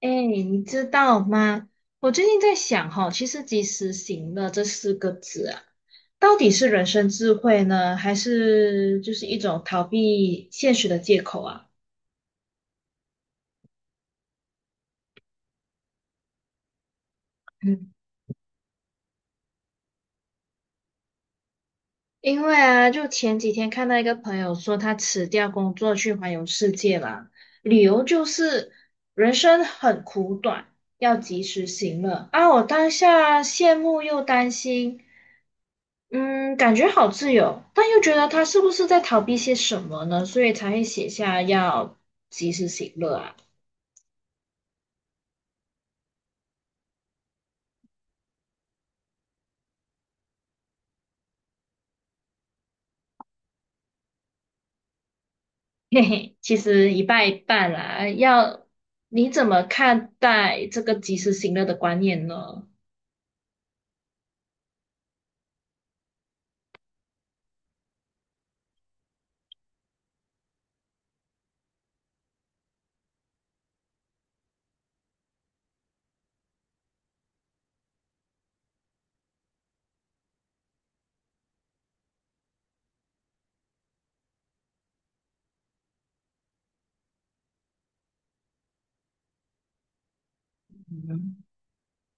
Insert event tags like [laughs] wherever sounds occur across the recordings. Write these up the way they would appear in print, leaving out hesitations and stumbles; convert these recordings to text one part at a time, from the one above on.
哎，你知道吗？我最近在想哈，其实"及时行乐"这四个字啊，到底是人生智慧呢，还是就是一种逃避现实的借口啊？嗯，因为啊，就前几天看到一个朋友说，他辞掉工作去环游世界啦，理由就是人生很苦短，要及时行乐啊。我当下羡慕又担心。嗯，感觉好自由，但又觉得他是不是在逃避些什么呢？所以才会写下要及时行乐啊。[laughs] 嘿嘿，其实一半一半啦。你怎么看待这个及时行乐的观念呢？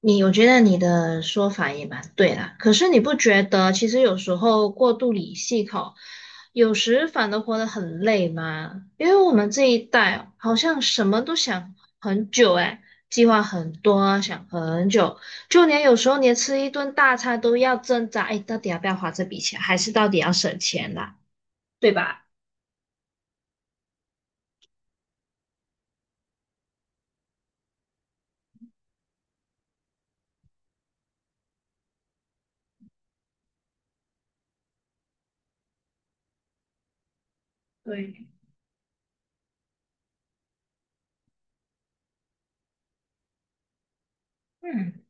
我觉得你的说法也蛮对啦，可是你不觉得其实有时候过度理性吼，有时反而活得很累吗？因为我们这一代哦好像什么都想很久诶，计划很多啊想很久，就连有时候连吃一顿大餐都要挣扎，哎，到底要不要花这笔钱，还是到底要省钱啦，对吧？对，嗯。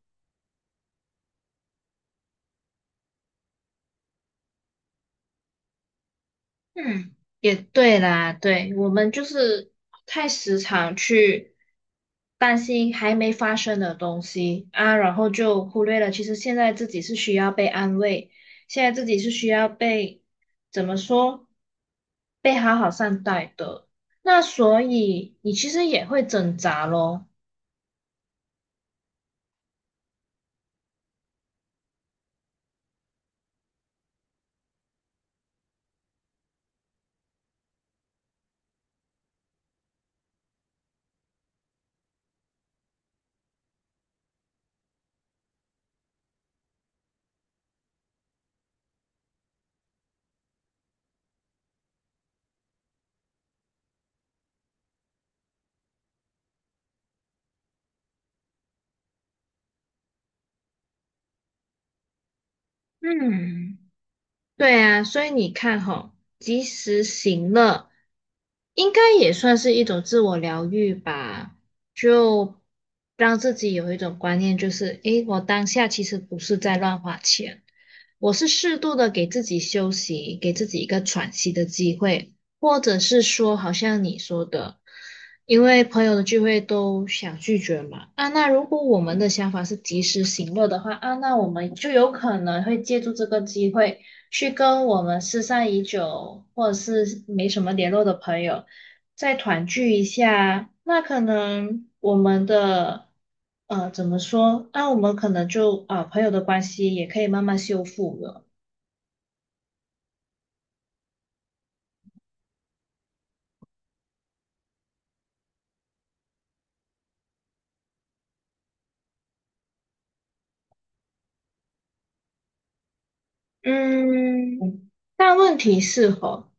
嗯，也对啦，对，我们就是太时常去担心还没发生的东西啊，然后就忽略了，其实现在自己是需要被安慰，现在自己是需要被，怎么说，被好好善待的。那所以你其实也会挣扎咯。嗯对啊，所以你看吼，及时行乐应该也算是一种自我疗愈吧，就让自己有一种观念，就是诶，我当下其实不是在乱花钱，我是适度的给自己休息，给自己一个喘息的机会，或者是说，好像你说的，因为朋友的聚会都想拒绝嘛，啊，那如果我们的想法是及时行乐的话，啊，那我们就有可能会借助这个机会。去跟我们失散已久或者是没什么联络的朋友再团聚一下，那可能我们的怎么说？那、我们可能就啊、朋友的关系也可以慢慢修复了。嗯，但问题是吼，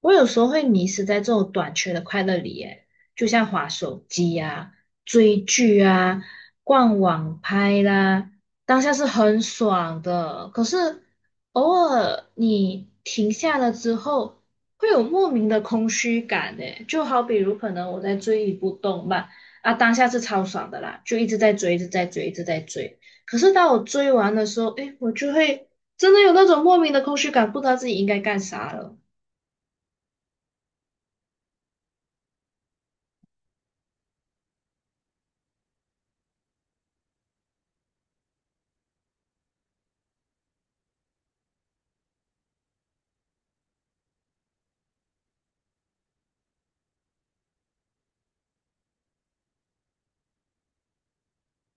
我有时候会迷失在这种短缺的快乐里耶，就像滑手机啊、追剧啊、逛网拍啦，当下是很爽的，可是偶尔你停下了之后，会有莫名的空虚感诶，就好比如可能我在追一部动漫啊，当下是超爽的啦，就一直在追，一直在追，一直在追。可是当我追完的时候，诶，我就会真的有那种莫名的空虚感，不知道自己应该干啥了。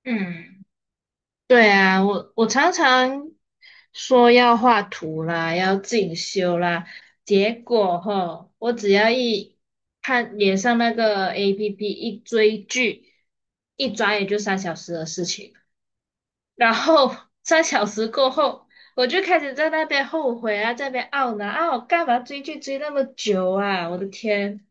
嗯，对啊，我常常说要画图啦，要进修啦，结果吼，我只要一看脸上那个 APP 一追剧，一转眼就3小时的事情，然后 [laughs] 三小时过后，我就开始在那边后悔啊，在那边懊恼啊，我干嘛追剧追那么久啊？我的天！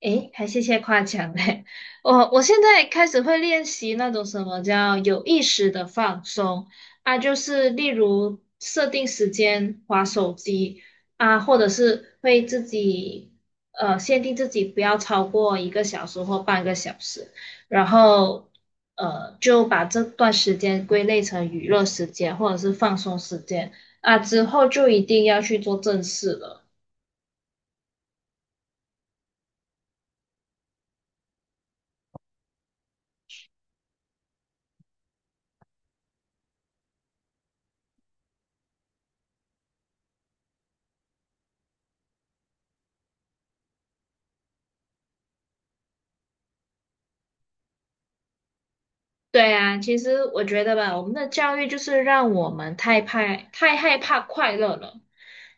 诶，还谢谢夸奖嘞！[laughs] 我现在开始会练习那种什么叫有意识的放松啊，就是例如设定时间划手机啊，或者是会自己限定自己不要超过1个小时或0.5个小时，然后就把这段时间归类成娱乐时间或者是放松时间啊，之后就一定要去做正事了。对啊，其实我觉得吧，我们的教育就是让我们太怕、太害怕快乐了，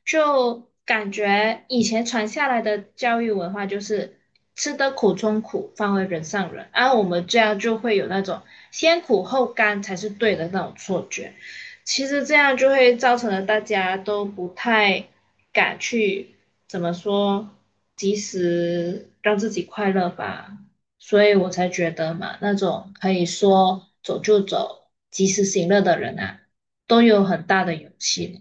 就感觉以前传下来的教育文化就是吃得苦中苦，方为人上人，而我们这样就会有那种先苦后甘才是对的那种错觉。其实这样就会造成了大家都不太敢去怎么说，及时让自己快乐吧。所以我才觉得嘛，那种可以说走就走、及时行乐的人啊，都有很大的勇气呢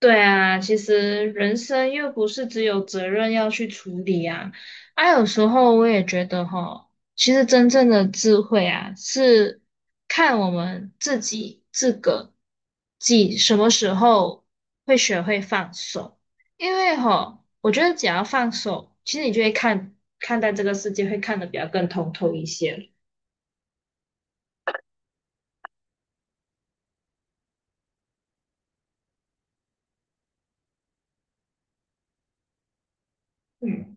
对啊，其实人生又不是只有责任要去处理啊。啊，有时候我也觉得哈，其实真正的智慧啊，是看我们自己自个己什么时候会学会放手。因为哈，我觉得只要放手，其实你就会看待这个世界，会看得比较更通透一些。嗯。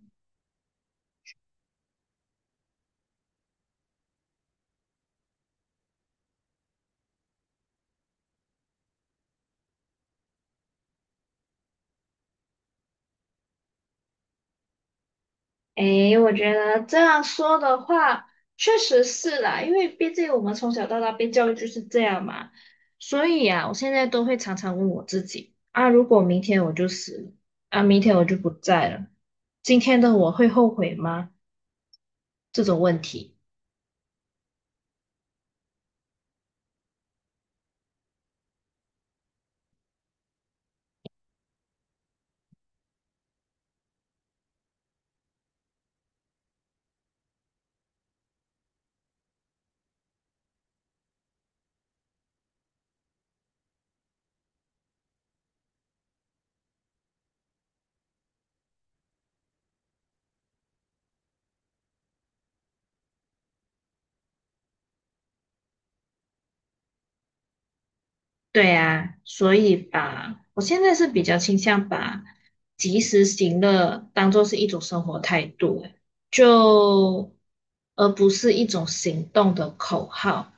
诶，我觉得这样说的话，确实是啦，因为毕竟我们从小到大被教育就是这样嘛，所以啊，我现在都会常常问我自己，啊，如果明天我就死了，啊，明天我就不在了，今天的我会后悔吗？这种问题，对啊，所以吧，我现在是比较倾向把及时行乐当做是一种生活态度，就而不是一种行动的口号。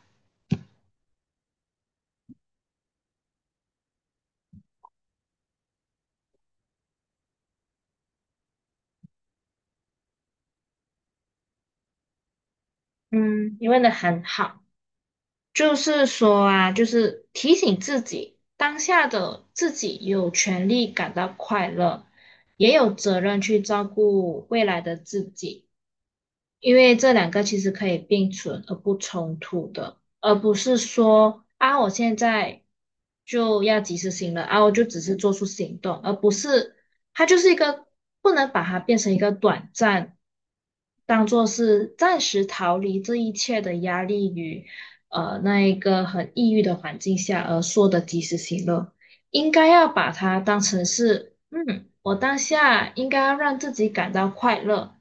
嗯，你问的很好，就是说啊，就是提醒自己，当下的自己有权利感到快乐，也有责任去照顾未来的自己。因为这两个其实可以并存而不冲突的，而不是说啊，我现在就要及时行乐啊，我就只是做出行动，而不是它就是一个不能把它变成一个短暂，当做是暂时逃离这一切的压力与那一个很抑郁的环境下而说的及时行乐。应该要把它当成是，嗯，我当下应该要让自己感到快乐，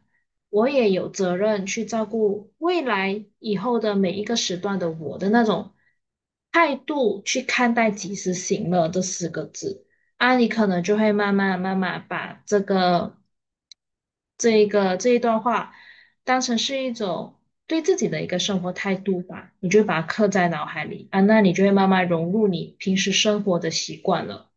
我也有责任去照顾未来以后的每一个时段的我的那种态度去看待及时行乐这四个字啊，你可能就会慢慢慢慢把这一段话当成是一种。对自己的一个生活态度吧，你就把它刻在脑海里啊，那你就会慢慢融入你平时生活的习惯了。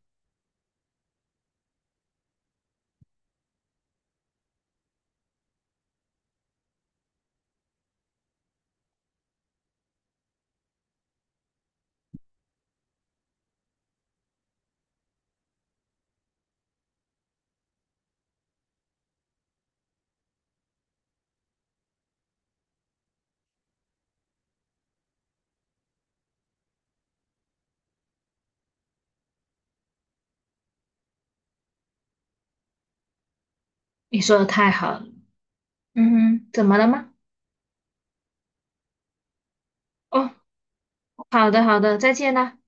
你说的太好了，嗯哼，怎么了吗？哦，好的好的，再见啦。